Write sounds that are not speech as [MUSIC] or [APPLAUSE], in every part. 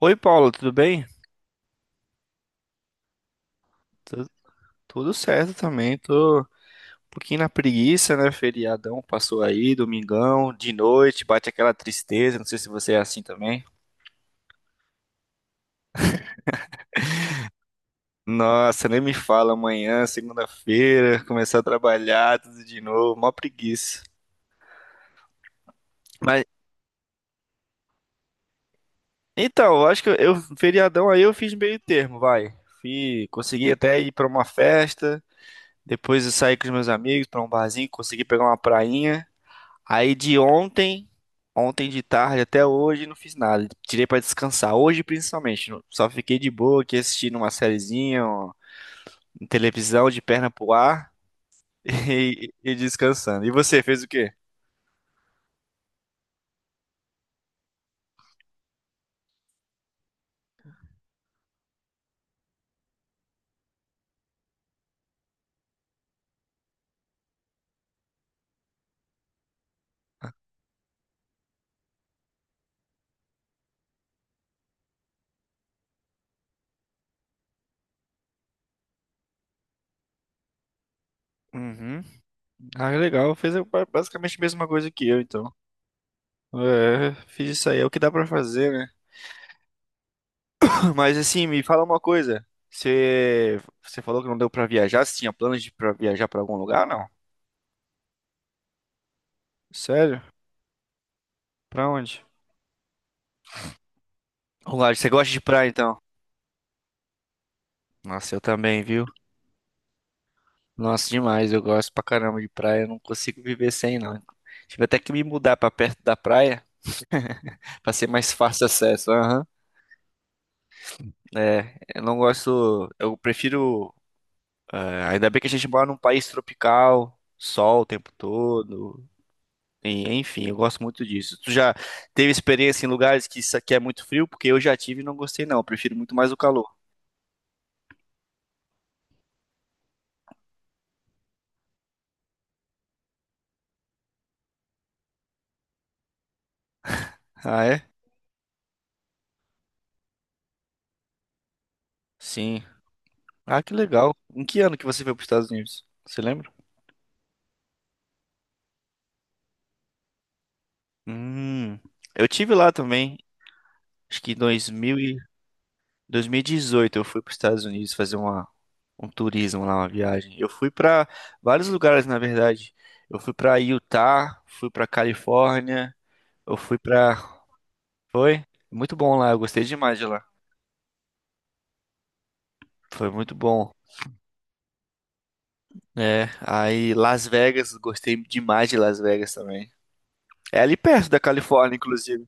Oi, Paulo, tudo bem? Tu- tudo certo também. Tô um pouquinho na preguiça, né? Feriadão passou aí, domingão, de noite, bate aquela tristeza. Não sei se você é assim também. Nossa, nem me fala, amanhã, segunda-feira, começar a trabalhar tudo de novo, mó preguiça. Mas então, eu acho que eu feriadão aí eu fiz meio termo, vai. Fui, consegui até ir pra uma festa, depois eu saí com os meus amigos pra um barzinho, consegui pegar uma prainha. Aí de ontem, ontem de tarde até hoje, não fiz nada. Tirei pra descansar. Hoje, principalmente, só fiquei de boa aqui assistindo uma sériezinha, ó, em televisão, de perna pro ar [LAUGHS] e descansando. E você, fez o quê? Uhum. Ah, legal. Fez basicamente a mesma coisa que eu, então. É, fiz isso aí, é o que dá pra fazer, né? [LAUGHS] [CLEARS THROAT] Mas assim, me fala uma coisa. Você falou que não deu pra viajar. Você tinha planos de pra viajar pra algum lugar, não? Sério? Pra onde? Lugar, você gosta de praia, então? Nossa, eu também, viu? Nossa, demais. Eu gosto pra caramba de praia. Eu não consigo viver sem, não. Tive até que me mudar pra perto da praia pra ser mais fácil acesso. Aham. É, eu não gosto. Eu prefiro. Ainda bem que a gente mora num país tropical, sol o tempo todo. E enfim, eu gosto muito disso. Tu já teve experiência em lugares que isso aqui é muito frio? Porque eu já tive e não gostei, não. Eu prefiro muito mais o calor. Ah, é? Sim. Ah, que legal. Em que ano que você foi para os Estados Unidos? Você lembra? Hum, eu tive lá também, acho que em dois mil e dezoito, eu fui para os Estados Unidos fazer um turismo lá, uma viagem. Eu fui para vários lugares, na verdade. Eu fui para Utah, fui para Califórnia, eu fui para... Foi? Muito bom lá, eu gostei demais de lá. Foi muito bom. É, aí Las Vegas, gostei demais de Las Vegas também. É ali perto da Califórnia, inclusive.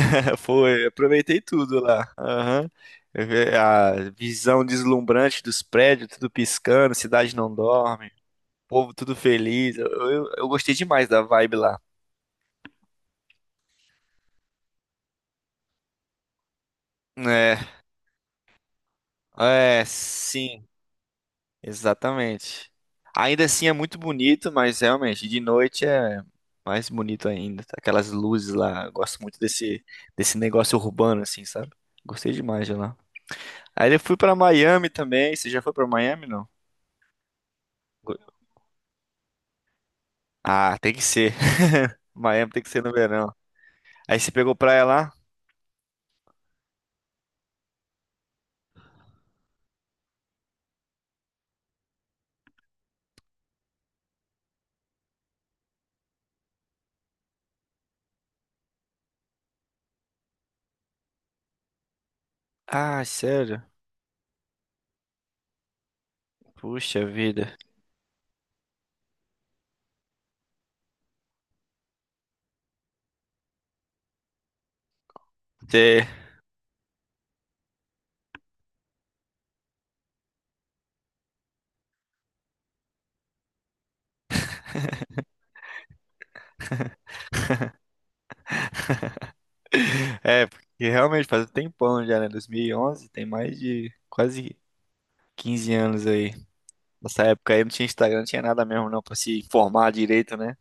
[LAUGHS] Foi, aproveitei tudo lá. Aham. Eu vi a visão deslumbrante dos prédios, tudo piscando, cidade não dorme, povo tudo feliz. Eu gostei demais da vibe lá. É, é, sim, exatamente. Ainda assim é muito bonito, mas realmente de noite é mais bonito ainda. Aquelas luzes lá, eu gosto muito desse negócio urbano, assim, sabe? Gostei demais de lá. Aí eu fui pra Miami também. Você já foi pra Miami, não? Go- Ah, tem que ser. Miami tem que ser no verão. Aí você pegou praia lá? Ah, sério? Puxa vida. Você- [LAUGHS] É, porque realmente faz um tempão já, né? 2011, tem mais de quase 15 anos aí. Nessa época aí não tinha Instagram, não tinha nada mesmo não pra se informar direito, né?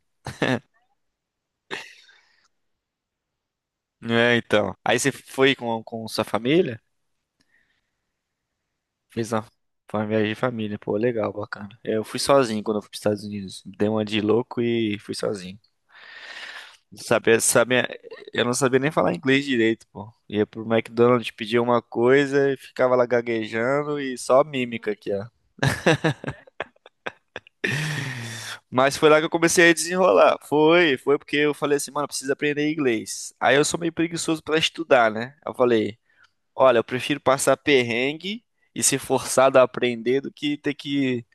É, então. Aí você foi com sua família? Fez uma, foi uma viagem de família. Pô, legal, bacana. Eu fui sozinho quando eu fui pros Estados Unidos. Dei uma de louco e fui sozinho. Sabia, sabia, eu não sabia nem falar inglês direito, pô. Ia pro McDonald's, pedia uma coisa e ficava lá gaguejando e só mímica aqui, ó. Mas foi lá que eu comecei a desenrolar. Foi, foi porque eu falei assim, mano, preciso aprender inglês. Aí eu sou meio preguiçoso pra estudar, né? Eu falei, olha, eu prefiro passar perrengue e ser forçado a aprender do que ter que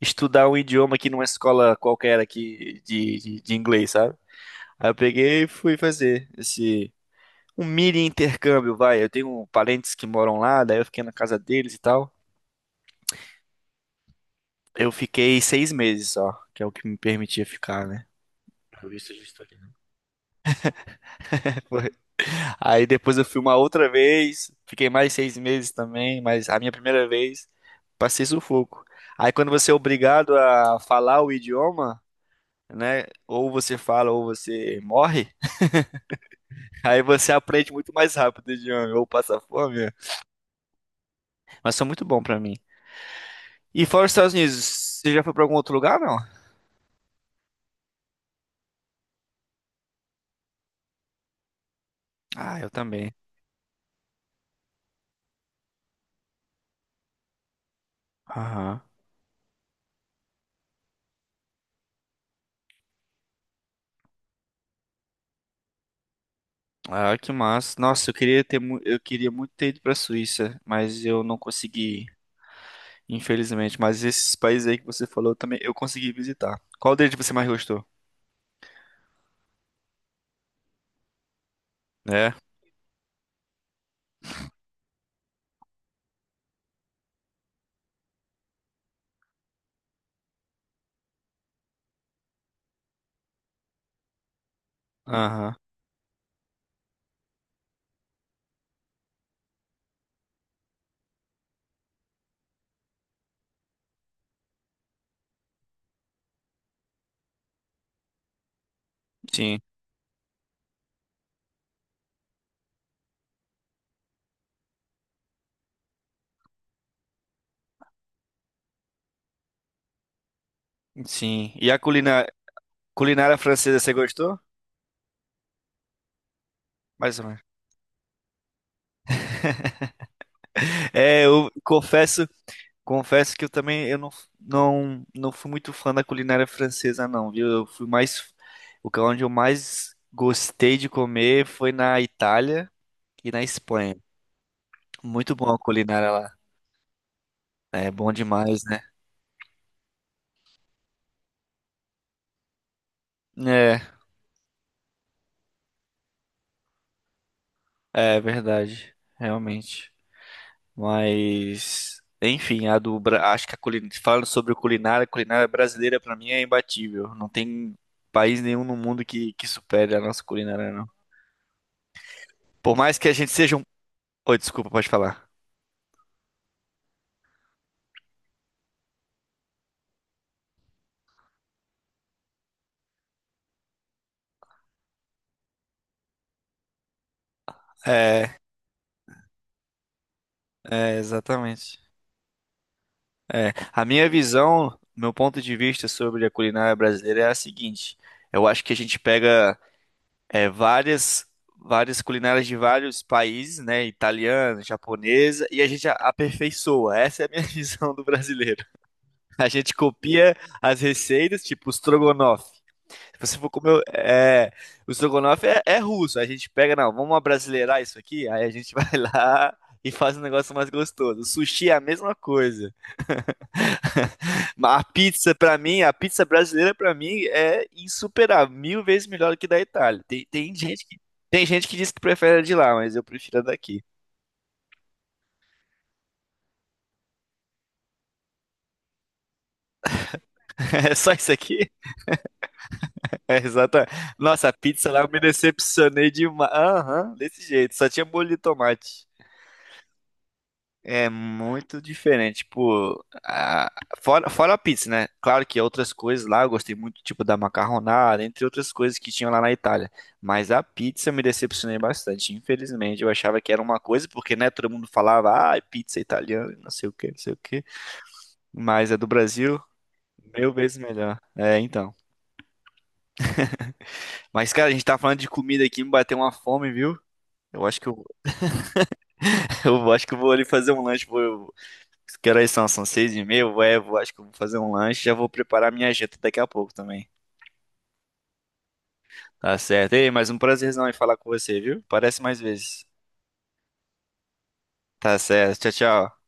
estudar um idioma aqui numa escola qualquer aqui de inglês, sabe? Aí eu peguei e fui fazer esse. Um mini intercâmbio, vai. Eu tenho parentes que moram lá, daí eu fiquei na casa deles e tal. Eu fiquei 6 meses só, que é o que me permitia ficar, né? [LAUGHS] O visto de estudante. Foi. Aí depois eu fui uma outra vez, fiquei mais 6 meses também, mas a minha primeira vez passei sufoco. Aí quando você é obrigado a falar o idioma, né? Ou você fala ou você morre, [LAUGHS] aí você aprende muito mais rápido o idioma, ou passa fome. Mas foi muito bom pra mim. E fora os Estados Unidos, você já foi pra algum outro lugar, não? Ah, eu também. Aham. Ah, que massa. Nossa, eu queria eu queria muito ter ido pra Suíça, mas eu não consegui, ir, infelizmente. Mas esses países aí que você falou também, eu consegui visitar. Qual deles você mais gostou? É? Aham. Sim. Sim. E a culinária, culinária francesa, você gostou? Mais ou menos. É, eu confesso que eu também eu não, não, não fui muito fã da culinária francesa, não, viu? Eu fui mais, o que é onde eu mais gostei de comer foi na Itália. Aqui na Espanha. Muito bom a culinária lá. É bom demais, né? É, é verdade, realmente. Mas, enfim, a acho que a culinária, falando sobre culinária, a culinária brasileira pra mim é imbatível. Não tem país nenhum no mundo que supere a nossa culinária, não. Por mais que a gente seja um... Oi, desculpa, pode falar. É, é, exatamente. É, a minha visão, meu ponto de vista sobre a culinária brasileira é a seguinte. Eu acho que a gente pega é, várias várias culinárias de vários países, né? Italiana, japonesa, e a gente aperfeiçoa. Essa é a minha [LAUGHS] visão do brasileiro. A gente copia as receitas, tipo o estrogonofe. Se você for comer, o estrogonofe é russo. A gente pega, não, vamos abrasileirar isso aqui, aí a gente [LAUGHS] vai lá e faz um negócio mais gostoso. O sushi é a mesma coisa. A pizza, pra mim, a pizza brasileira, pra mim, é insuperável, mil vezes melhor que da Itália. Tem gente tem gente que diz que prefere a de lá, mas eu prefiro a daqui. [LAUGHS] É só isso aqui? É exatamente. Nossa, a pizza lá eu me decepcionei demais. Aham, desse jeito, só tinha molho de tomate. É muito diferente, tipo, fora a pizza, né? Claro que outras coisas lá, eu gostei muito, tipo, da macarronada, entre outras coisas que tinham lá na Itália. Mas a pizza eu me decepcionei bastante, infelizmente. Eu achava que era uma coisa, porque, né, todo mundo falava, ah, pizza italiana, não sei o que, não sei o que. Mas é do Brasil, mil vezes melhor. É, então. Mas, cara, a gente tá falando de comida aqui, me bateu uma fome, viu? Eu acho que eu, [LAUGHS] eu acho que eu vou ali fazer um lanche, Que horas são? São 6h30? É, vou, acho que eu vou fazer um lanche e já vou preparar minha janta daqui a pouco também. Tá certo. Ei, mas um prazerzão em falar com você, viu? Parece mais vezes. Tá certo. Tchau, tchau.